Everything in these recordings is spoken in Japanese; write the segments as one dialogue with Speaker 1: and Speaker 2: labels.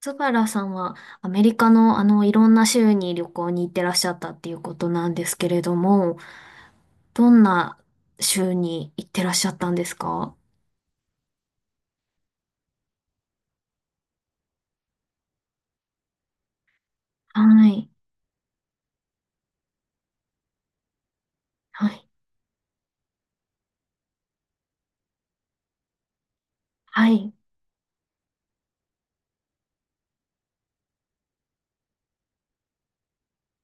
Speaker 1: 津原さんはアメリカのいろんな州に旅行に行ってらっしゃったっていうことなんですけれども、どんな州に行ってらっしゃったんですか？はい。はい。はい。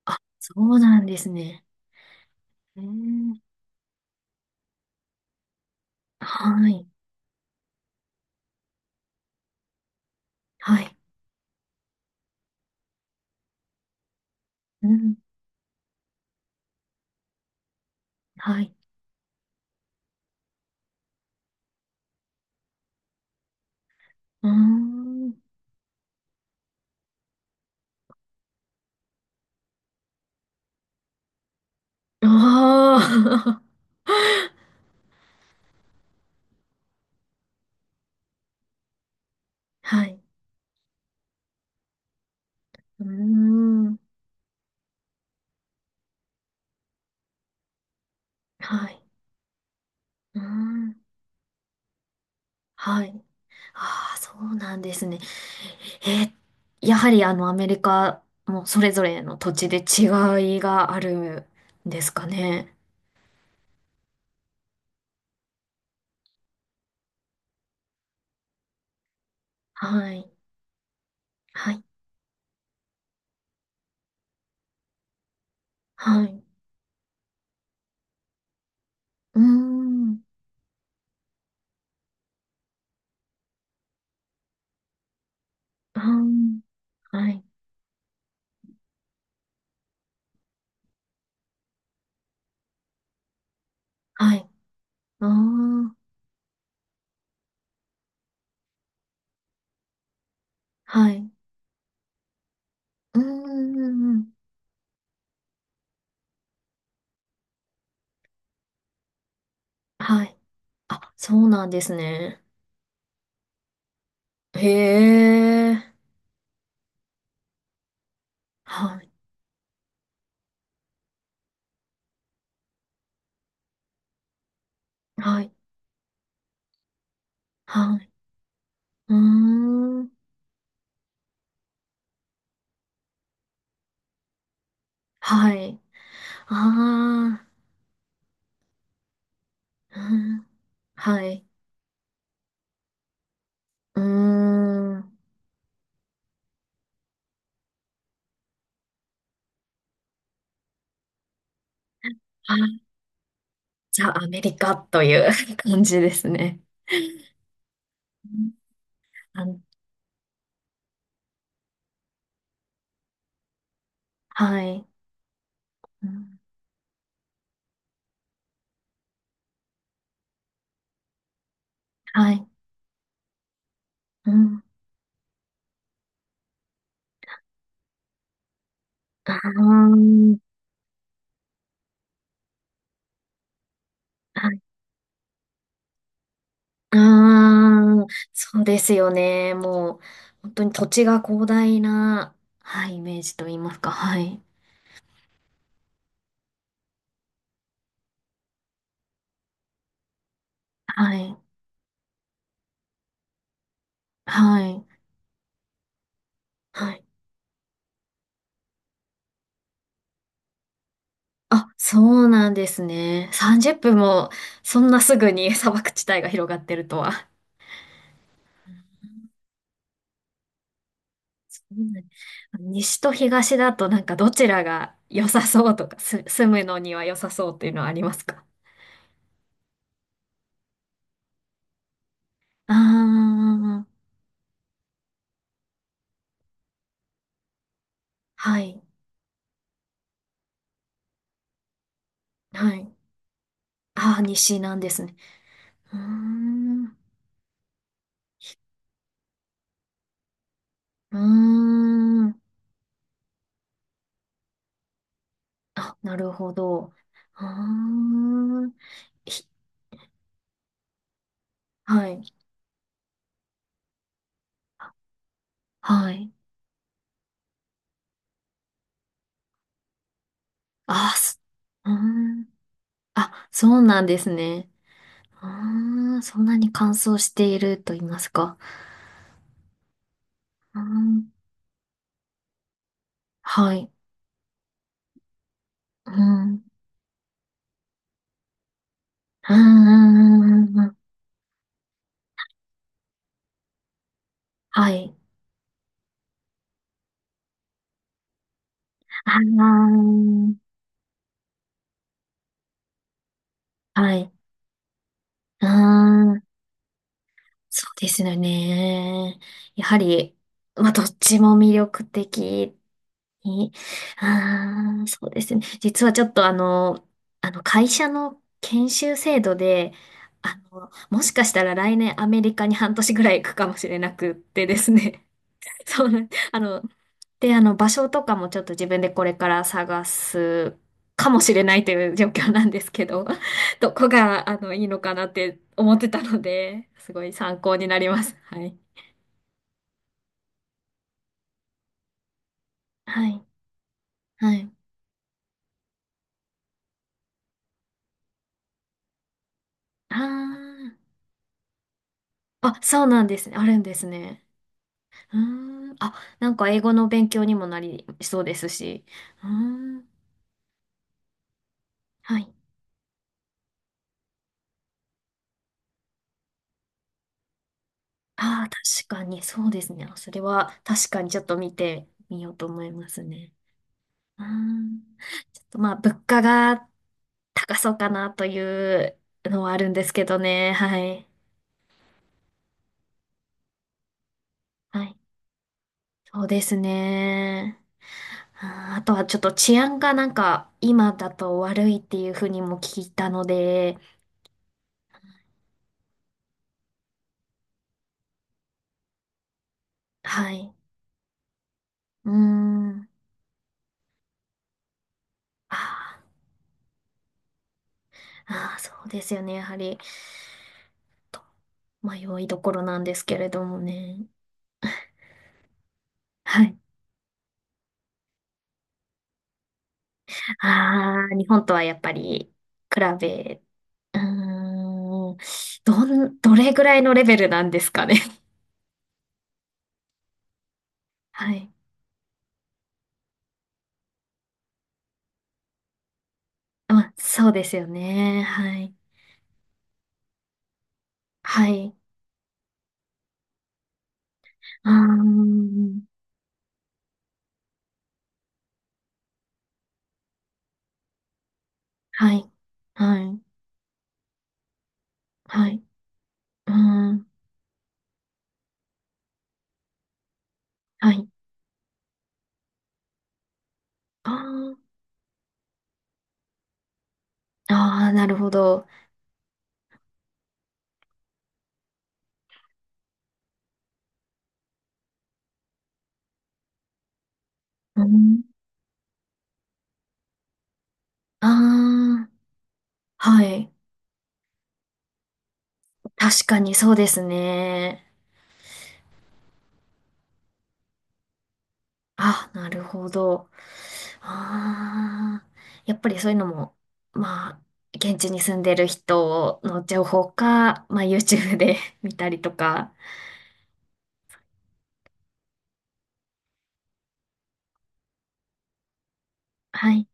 Speaker 1: あ、そうなんですね。えー、はい。はい。うん。はい。うーん。ああ。はい。うーん。はい。うーん。はい。ああ、そうなんですね。えー、やはりアメリカもそれぞれの土地で違いがあるんですかね？はい。はい。はい。うーん。あー、はい。はい。ああ。はい。うーん。はい。あ、そうなんですね。へえ。はい。はい。はい。うーん。はい。ああ。うん。はい。うーん。はい。ザ・アメリカという 感じですね。うん、あのはい。うん、はい。うん。あー、はい、あー、そうですよね。もう、本当に土地が広大な、はい、イメージと言いますか。はい。はい。はい。はい。あ、そうなんですね。30分も、そんなすぐに砂漠地帯が広がってるとは。うん、西と東だと、なんかどちらが良さそうとか、す、住むのには良さそうっていうのはありますか？ああー、はい、はい。ああ、西なんですね。うーん、うーん。あ、なるほど。うーん。ひ、はい、はい。ああ、す、うーん。あ、そうなんですね。うーん、そんなに乾燥していると言いますか。うーん、はい。うん、うん、はい。ああ、はい。ああ、そうですよね。やはり、まあ、どっちも魅力的に。ああ、そうですね。実はちょっと会社の研修制度で、もしかしたら来年アメリカに半年ぐらい行くかもしれなくってですね。そうなん、で、場所とかもちょっと自分でこれから探すかもしれないという状況なんですけど、どこが、いいのかなって思ってたので、すごい参考になります。はい。はい。はい。ああ。あ、そうなんですね。あるんですね。うーん。あ、なんか英語の勉強にもなりそうですし。うーん。はい。ああ、確かに、そうですね。それは確かにちょっと見てみようと思いますね。うーん。ちょっとまあ、物価が高そうかなというのはあるんですけどね。はい。はい。そうですね。あー、あとはちょっと治安がなんか今だと悪いっていうふうにも聞いたので、はい。うーん。あーあー、そうですよね。やはり、と迷いどころなんですけれどもね。はい。ああ、日本とはやっぱり比べ、うーん、どん、どれぐらいのレベルなんですかね？はい。あ、そうですよね。はい。はい。あ、ー、はい。はい。はい。うーん。はい。あーあー、あ、なるほど。うん。ああ、はい。確かにそうですね。あ、なるほど。ああ、やっぱりそういうのも、まあ、現地に住んでる人の情報か、まあ、YouTube で 見たりとか。はい。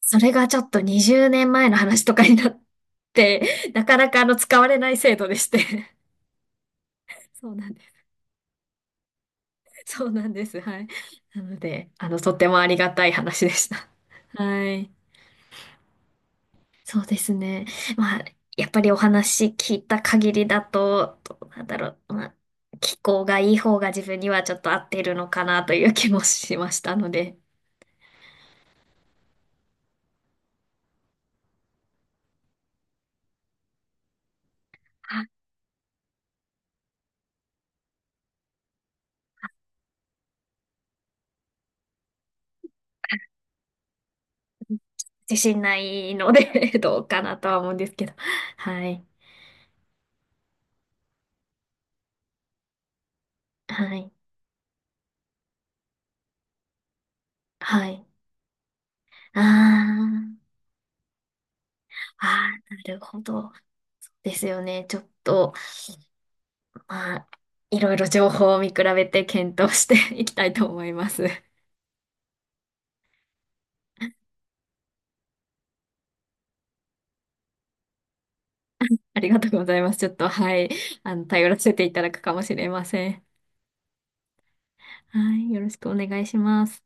Speaker 1: それがちょっと20年前の話とかになって、なかなか使われない制度でして。そうなんです。そうなんです。はい。なので、とってもありがたい話でした。はい。そうですね。まあ、やっぱりお話聞いた限りだと、どうなんだろう。まあ、気候がいい方が自分にはちょっと合ってるのかなという気もしましたので、あ、自信ないので どうかなとは思うんですけど。はい。はい。はい。ああ、ああ、なるほど。ですよね。ちょっと、まあ、いろいろ情報を見比べて検討して いきたいと思います。ありがとうございます。ちょっと、はい。頼らせていただくかもしれません。はい。よろしくお願いします。